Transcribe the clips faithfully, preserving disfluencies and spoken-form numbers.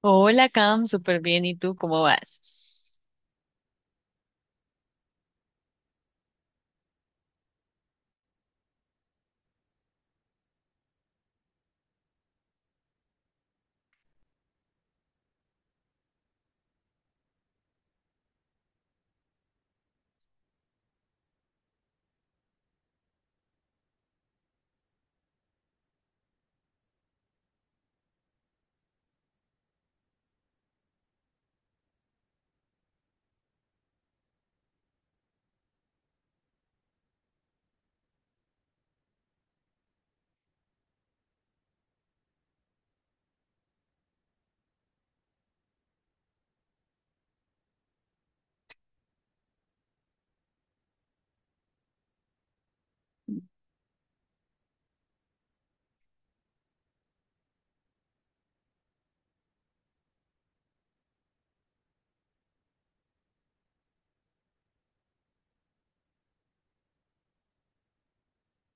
Hola, Cam, súper bien. ¿Y tú cómo vas?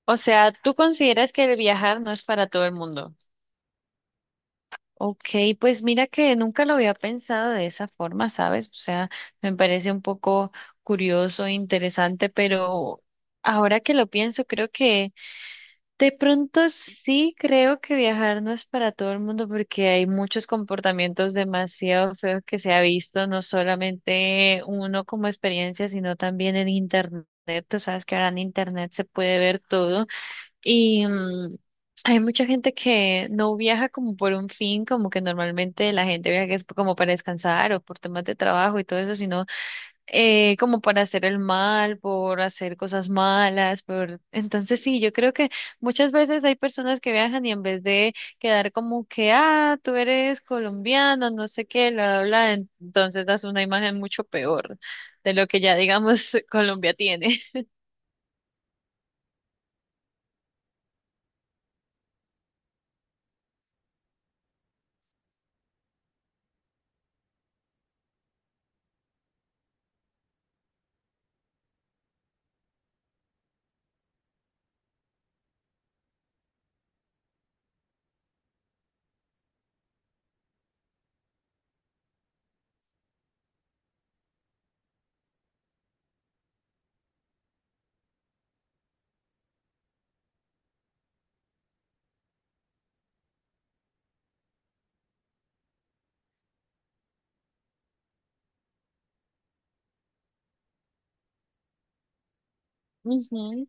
O sea, ¿tú consideras que el viajar no es para todo el mundo? Ok, pues mira que nunca lo había pensado de esa forma, ¿sabes? O sea, me parece un poco curioso, e interesante, pero ahora que lo pienso, creo que de pronto sí creo que viajar no es para todo el mundo porque hay muchos comportamientos demasiado feos que se ha visto, no solamente uno como experiencia, sino también en internet. Tú sabes que ahora en internet se puede ver todo y mm, hay mucha gente que no viaja como por un fin, como que normalmente la gente viaja que es como para descansar o por temas de trabajo y todo eso, sino eh, como para hacer el mal, por hacer cosas malas, por... Entonces sí, yo creo que muchas veces hay personas que viajan y en vez de quedar como que, ah, tú eres colombiano, no sé qué, bla, bla, bla, en- entonces das una imagen mucho peor de lo que ya, digamos, Colombia tiene. Ujú.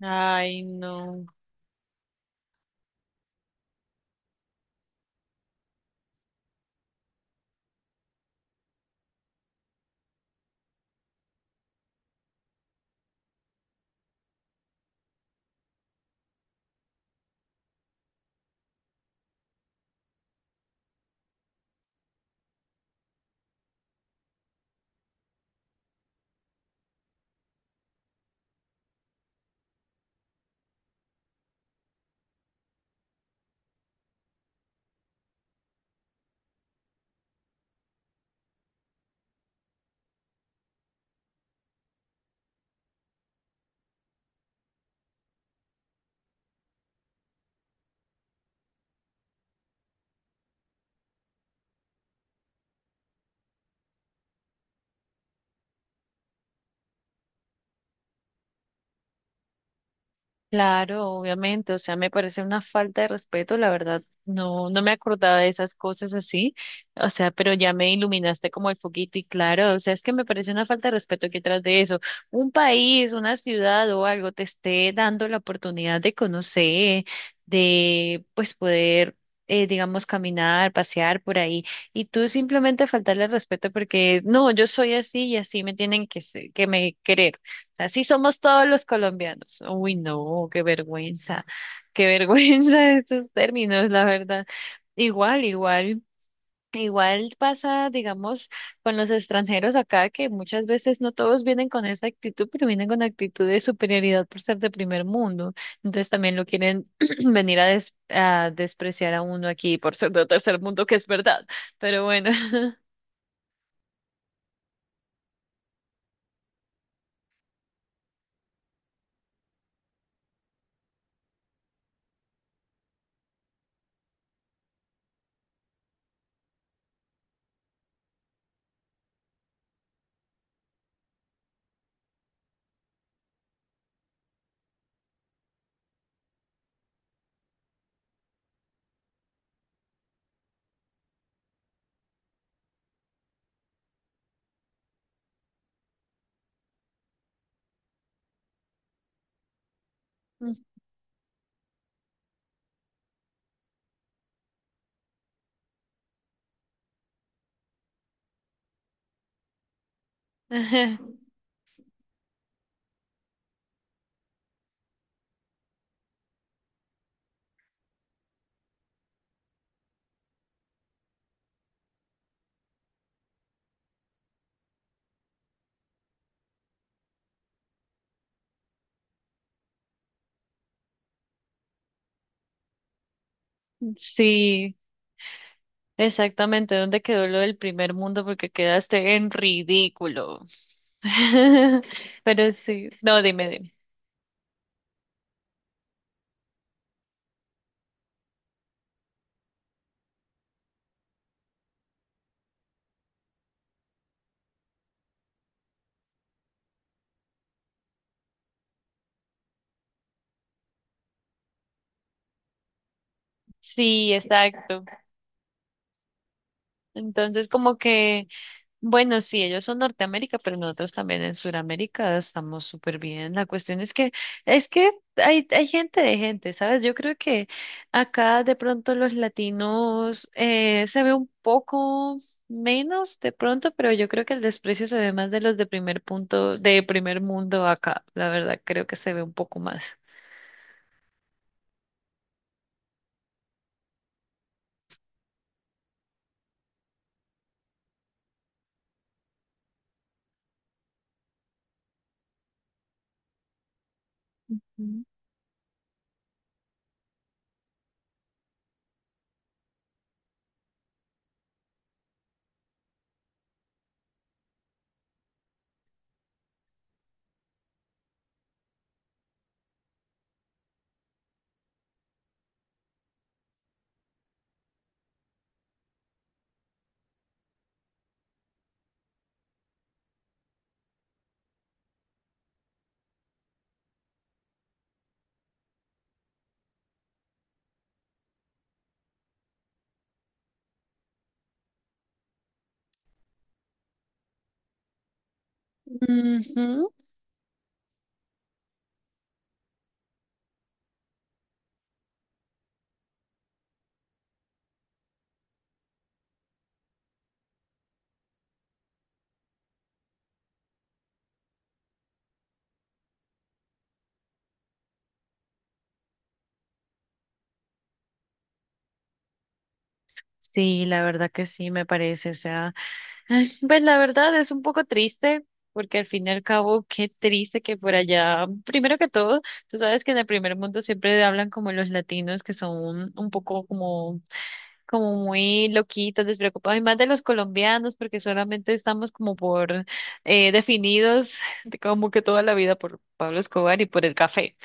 Ay, no. Claro, obviamente, o sea, me parece una falta de respeto, la verdad, no, no me acordaba de esas cosas así, o sea, pero ya me iluminaste como el foquito y claro, o sea, es que me parece una falta de respeto que tras de eso, un país, una ciudad o algo te esté dando la oportunidad de conocer, de pues poder, eh, digamos, caminar, pasear por ahí, y tú simplemente faltarle el respeto porque, no, yo soy así y así me tienen que, se- que me querer. Así somos todos los colombianos. Uy, no, qué vergüenza, qué vergüenza estos términos, la verdad. Igual, igual, igual pasa, digamos, con los extranjeros acá, que muchas veces no todos vienen con esa actitud, pero vienen con actitud de superioridad por ser de primer mundo. Entonces también lo quieren venir a, des- a despreciar a uno aquí por ser de tercer mundo, que es verdad. Pero bueno. Sí, exactamente, ¿dónde quedó lo del primer mundo? Porque quedaste en ridículo. Pero sí, no, dime, dime. Sí, exacto. Entonces, como que bueno, sí, ellos son Norteamérica, pero nosotros también en Sudamérica estamos súper bien. La cuestión es que, es que hay, hay gente de gente, ¿sabes? Yo creo que acá de pronto los latinos eh, se ve un poco menos de pronto, pero yo creo que el desprecio se ve más de los de primer punto, de primer mundo acá. La verdad, creo que se ve un poco más. Ujú. Ujú. Sí, la verdad que sí, me parece. O sea, ay, pues la verdad es un poco triste, porque al fin y al cabo, qué triste que por allá, primero que todo, tú sabes que en el primer mundo siempre hablan como los latinos que son un poco como, como muy loquitos, despreocupados, y más de los colombianos, porque solamente estamos como por eh, definidos de como que toda la vida por Pablo Escobar y por el café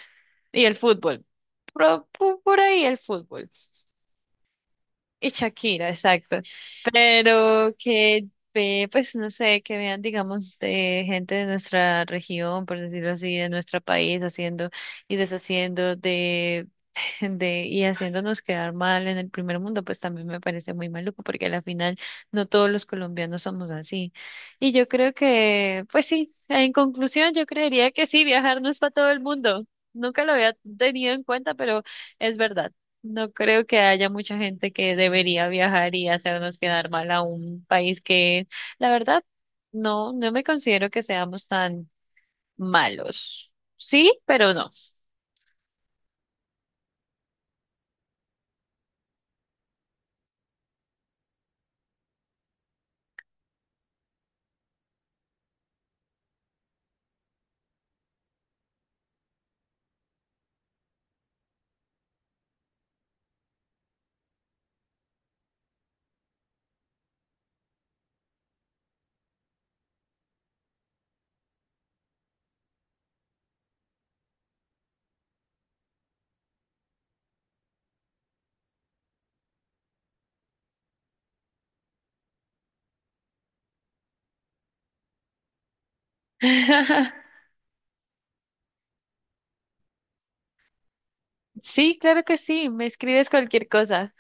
y el fútbol. Por, por ahí el fútbol. Y Shakira, exacto. Pero que, ve, pues no sé, que vean, digamos, de gente de nuestra región, por decirlo así, de nuestro país, haciendo y deshaciendo de, de, y haciéndonos quedar mal en el primer mundo, pues también me parece muy maluco, porque a la final no todos los colombianos somos así. Y yo creo que, pues sí, en conclusión, yo creería que sí, viajar no es para todo el mundo. Nunca lo había tenido en cuenta, pero es verdad. No creo que haya mucha gente que debería viajar y hacernos quedar mal a un país que, la verdad, no, no me considero que seamos tan malos. Sí, pero no. Sí, claro que sí, me escribes cualquier cosa.